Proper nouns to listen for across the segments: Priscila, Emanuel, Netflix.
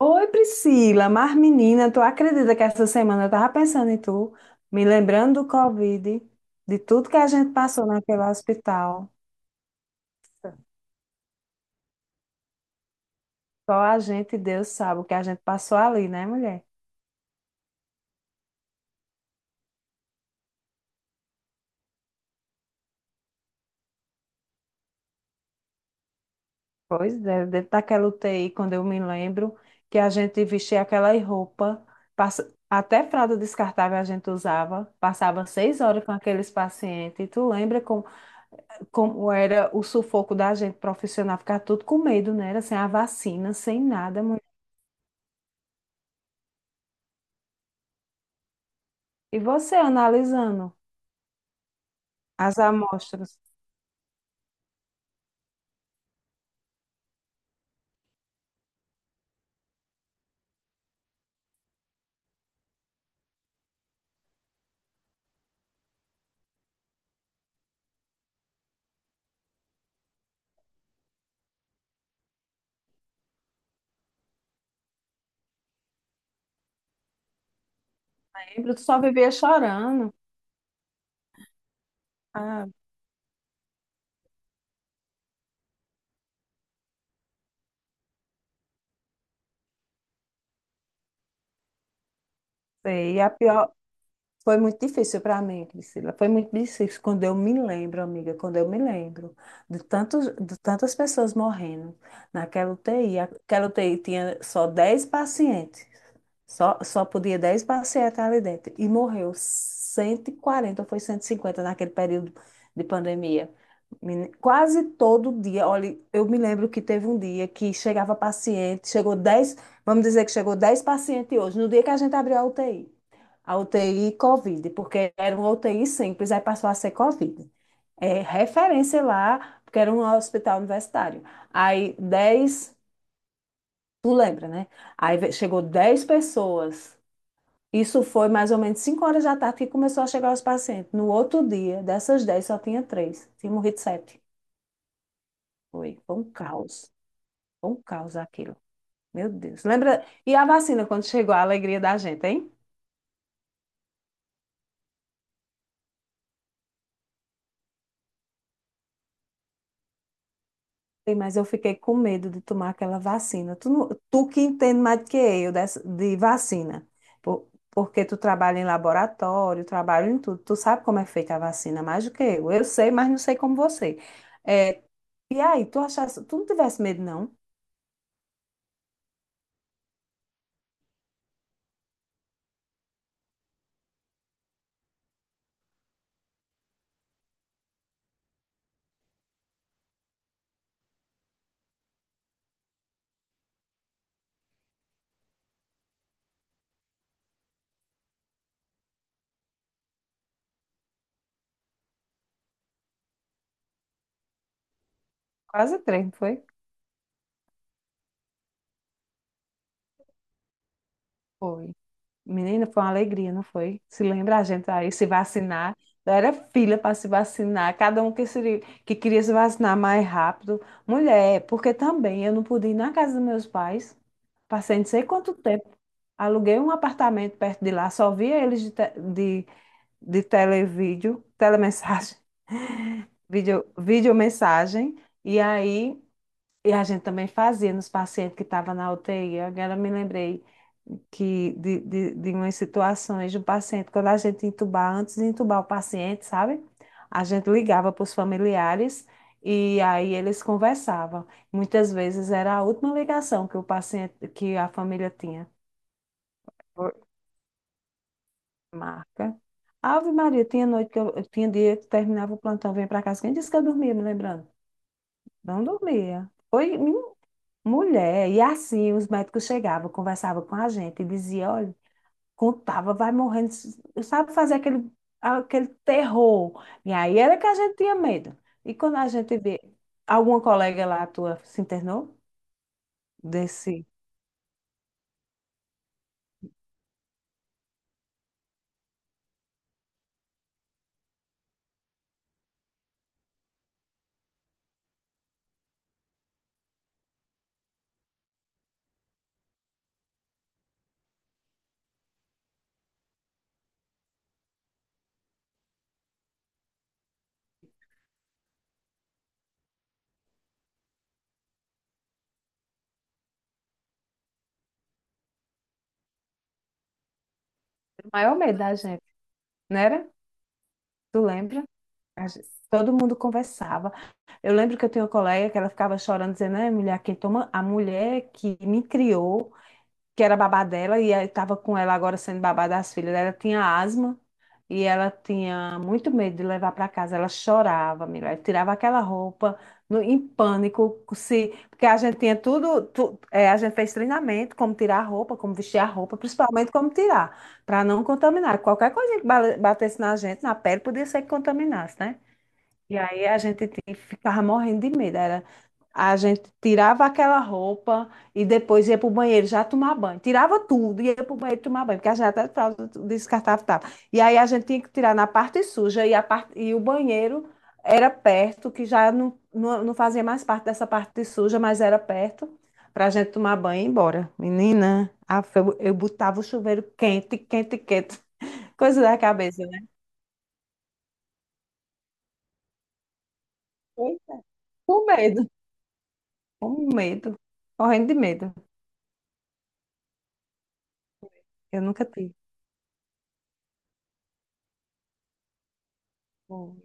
Oi, Priscila, mas menina, tu acredita que essa semana eu tava pensando em tu, me lembrando do Covid, de tudo que a gente passou naquele hospital. Só a gente e Deus sabe o que a gente passou ali, né, mulher? Pois é, dentro daquela UTI, quando eu me lembro que a gente vestia aquela roupa, até fralda descartável a gente usava, passava 6 horas com aqueles pacientes. E tu lembra como, como era o sufoco da gente profissional, ficar tudo com medo, né? Era sem a vacina, sem nada. E você analisando as amostras? Lembro, tu só vivia chorando. Ah, sei. E a pior foi muito difícil para mim, Priscila. Foi muito difícil quando eu me lembro, amiga, quando eu me lembro de tantos, de tantas pessoas morrendo naquela UTI. Aquela UTI tinha só 10 pacientes. Só podia 10 pacientes ali dentro. E morreu 140, ou foi 150 naquele período de pandemia. Quase todo dia. Olha, eu me lembro que teve um dia que chegava paciente, chegou 10, vamos dizer que chegou 10 pacientes hoje, no dia que a gente abriu a UTI. A UTI Covid, porque era uma UTI simples, aí passou a ser Covid. É referência lá, porque era um hospital universitário. Aí 10, tu lembra, né? Aí chegou 10 pessoas. Isso foi mais ou menos 5 horas da tarde que começou a chegar os pacientes. No outro dia, dessas 10 só tinha três. Tinha morrido 7. Foi, foi um caos. Foi um caos aquilo. Meu Deus. Lembra? E a vacina, quando chegou, a alegria da gente, hein? Ei, mas eu fiquei com medo de tomar aquela vacina. Tu, tu que entende mais do que eu dessa, de vacina. Porque tu trabalha em laboratório, trabalha em tudo. Tu sabe como é feita a vacina mais do que eu. Eu sei, mas não sei como você. É, e aí, tu achasse, tu não tivesse medo, não? Quase três, não foi? Foi. Menina, foi uma alegria, não foi? Se lembra a gente aí se vacinar? Era fila para se vacinar, cada um que, se, que queria se vacinar mais rápido. Mulher, porque também eu não pude ir na casa dos meus pais. Passei não sei quanto tempo. Aluguei um apartamento perto de lá, só via eles de televídeo, telemessagem, vídeo, videomessagem. E aí E a gente também fazia nos pacientes que estavam na UTI. Agora eu me lembrei que de umas situações de um paciente, quando a gente entubar, antes de entubar o paciente, sabe? A gente ligava para os familiares e aí eles conversavam. Muitas vezes era a última ligação que o paciente, que a família tinha. Foi. Marca. Ave Maria, tinha noite que eu, tinha dia que terminava o plantão, vinha para casa. Quem disse que eu dormia, me lembrando? Não dormia. Foi. Mulher, e assim os médicos chegavam, conversavam com a gente e diziam, olha, contava, vai morrendo, sabe fazer aquele, aquele terror. E aí era que a gente tinha medo. E quando a gente vê, alguma colega lá tua se internou desse, o maior medo da gente, não era? Tu lembra? Todo mundo conversava. Eu lembro que eu tinha uma colega que ela ficava chorando, dizendo, né mulher, quem toma, a mulher que me criou, que era babá dela, e estava com ela agora sendo babá das filhas. Ela tinha asma e ela tinha muito medo de levar para casa. Ela chorava, mulher, tirava aquela roupa no, em pânico, se, porque a gente tinha tudo, é, a gente fez treinamento, como tirar a roupa, como vestir a roupa, principalmente como tirar, para não contaminar. Qualquer coisa que batesse na gente, na pele, podia ser que contaminasse, né? E aí a gente ficava morrendo de medo. Era, a gente tirava aquela roupa e depois ia para o banheiro já tomar banho. Tirava tudo e ia para o banheiro tomar banho, porque a gente até fralda descartava e tal. E aí a gente tinha que tirar na parte suja e, a parte, e o banheiro era perto, que já não fazia mais parte dessa parte suja, mas era perto para a gente tomar banho e ir embora. Menina, eu botava o chuveiro quente, quente, quente. Coisa da cabeça, né? Eita, com medo. Com medo, morrendo de medo. Eu nunca tive. Bom,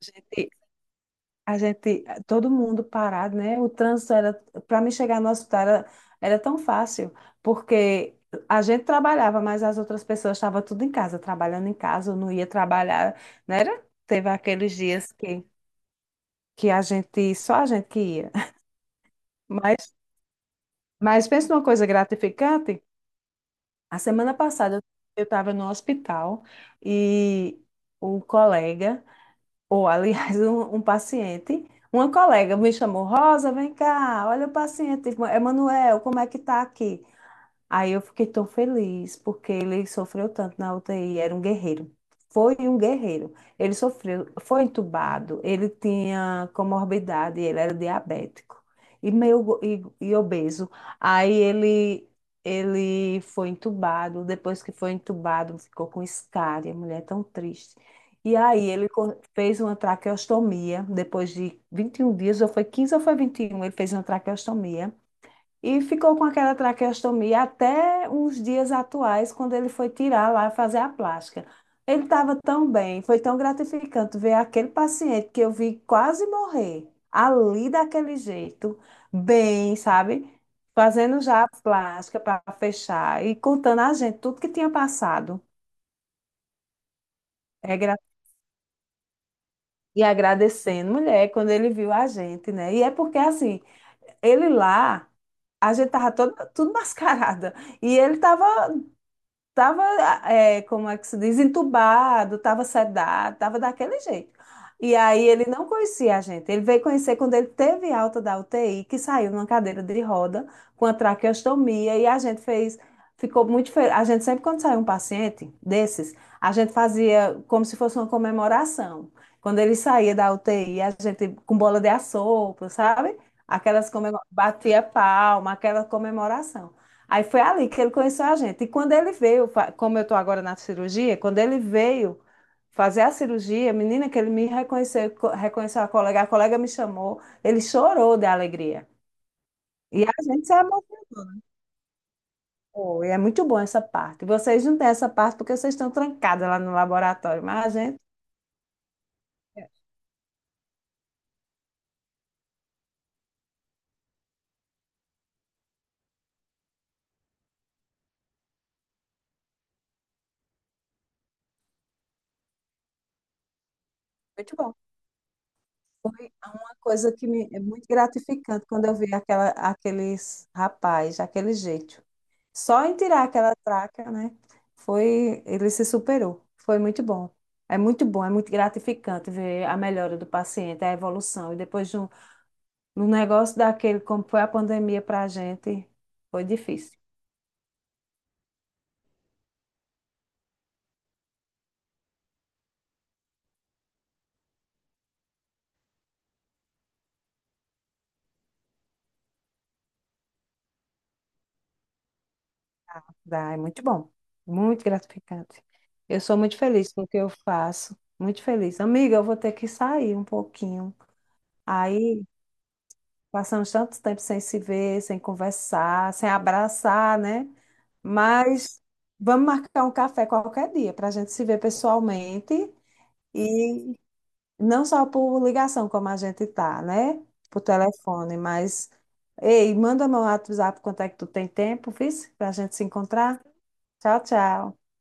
gente- a gente, todo mundo parado, né? O trânsito era, para mim chegar no hospital era, era tão fácil, porque a gente trabalhava, mas as outras pessoas estavam tudo em casa, trabalhando em casa, ou não ia trabalhar, né? Era? Teve aqueles dias que a gente, só a gente que ia. Mas, mas pensa numa coisa gratificante. A semana passada eu estava no hospital e um colega, ou, aliás, um paciente, uma colega me chamou, Rosa, vem cá, olha o paciente, Emanuel, como é que tá aqui? Aí eu fiquei tão feliz, porque ele sofreu tanto na UTI, era um guerreiro. Foi um guerreiro. Ele sofreu, foi entubado, ele tinha comorbidade, ele era diabético e meio e obeso. Aí ele foi entubado, depois que foi entubado, ficou com escária, mulher, tão triste. E aí ele fez uma traqueostomia, depois de 21 dias, ou foi 15 ou foi 21, ele fez uma traqueostomia. E ficou com aquela traqueostomia até uns dias atuais, quando ele foi tirar lá fazer a plástica. Ele estava tão bem, foi tão gratificante ver aquele paciente que eu vi quase morrer, ali daquele jeito, bem, sabe? Fazendo já a plástica para fechar e contando a gente tudo que tinha passado. É gra- E agradecendo, mulher, quando ele viu a gente, né? E é porque, assim, ele lá, a gente tava toda, tudo mascarada. E ele tava. Tava, é, como é que se diz, entubado, tava sedado, tava daquele jeito. E aí ele não conhecia a gente. Ele veio conhecer quando ele teve alta da UTI, que saiu numa cadeira de roda com a traqueostomia e a gente fez, ficou muito feliz. A gente sempre quando saiu um paciente desses, a gente fazia como se fosse uma comemoração. Quando ele saía da UTI, a gente com bola de assopro, sabe? Aquelas comemora... batia palma, aquela comemoração. Aí foi ali que ele conheceu a gente. E quando ele veio, como eu estou agora na cirurgia, quando ele veio fazer a cirurgia, menina, que ele me reconheceu, reconheceu a colega me chamou, ele chorou de alegria. E a gente se emocionou, e é muito bom essa parte. Vocês não têm essa parte porque vocês estão trancadas lá no laboratório, mas a gente, é muito bom. Coisa que me, é muito gratificante quando eu vejo aquela, aqueles rapaz, aquele jeito. Só em tirar aquela traca, né? Foi, ele se superou. Foi muito bom. É muito bom, é muito gratificante ver a melhora do paciente, a evolução. E depois de um, no negócio daquele, como foi a pandemia para a gente, foi difícil. Dá, é muito bom, muito gratificante. Eu sou muito feliz com o que eu faço, muito feliz. Amiga, eu vou ter que sair um pouquinho. Aí, passamos tanto tempo sem se ver, sem conversar, sem abraçar, né? Mas vamos marcar um café qualquer dia para a gente se ver pessoalmente e não só por ligação, como a gente tá, né? Por telefone, mas. Ei, manda meu WhatsApp quanto é que tu tem tempo, viu? Para a gente se encontrar. Tchau, tchau.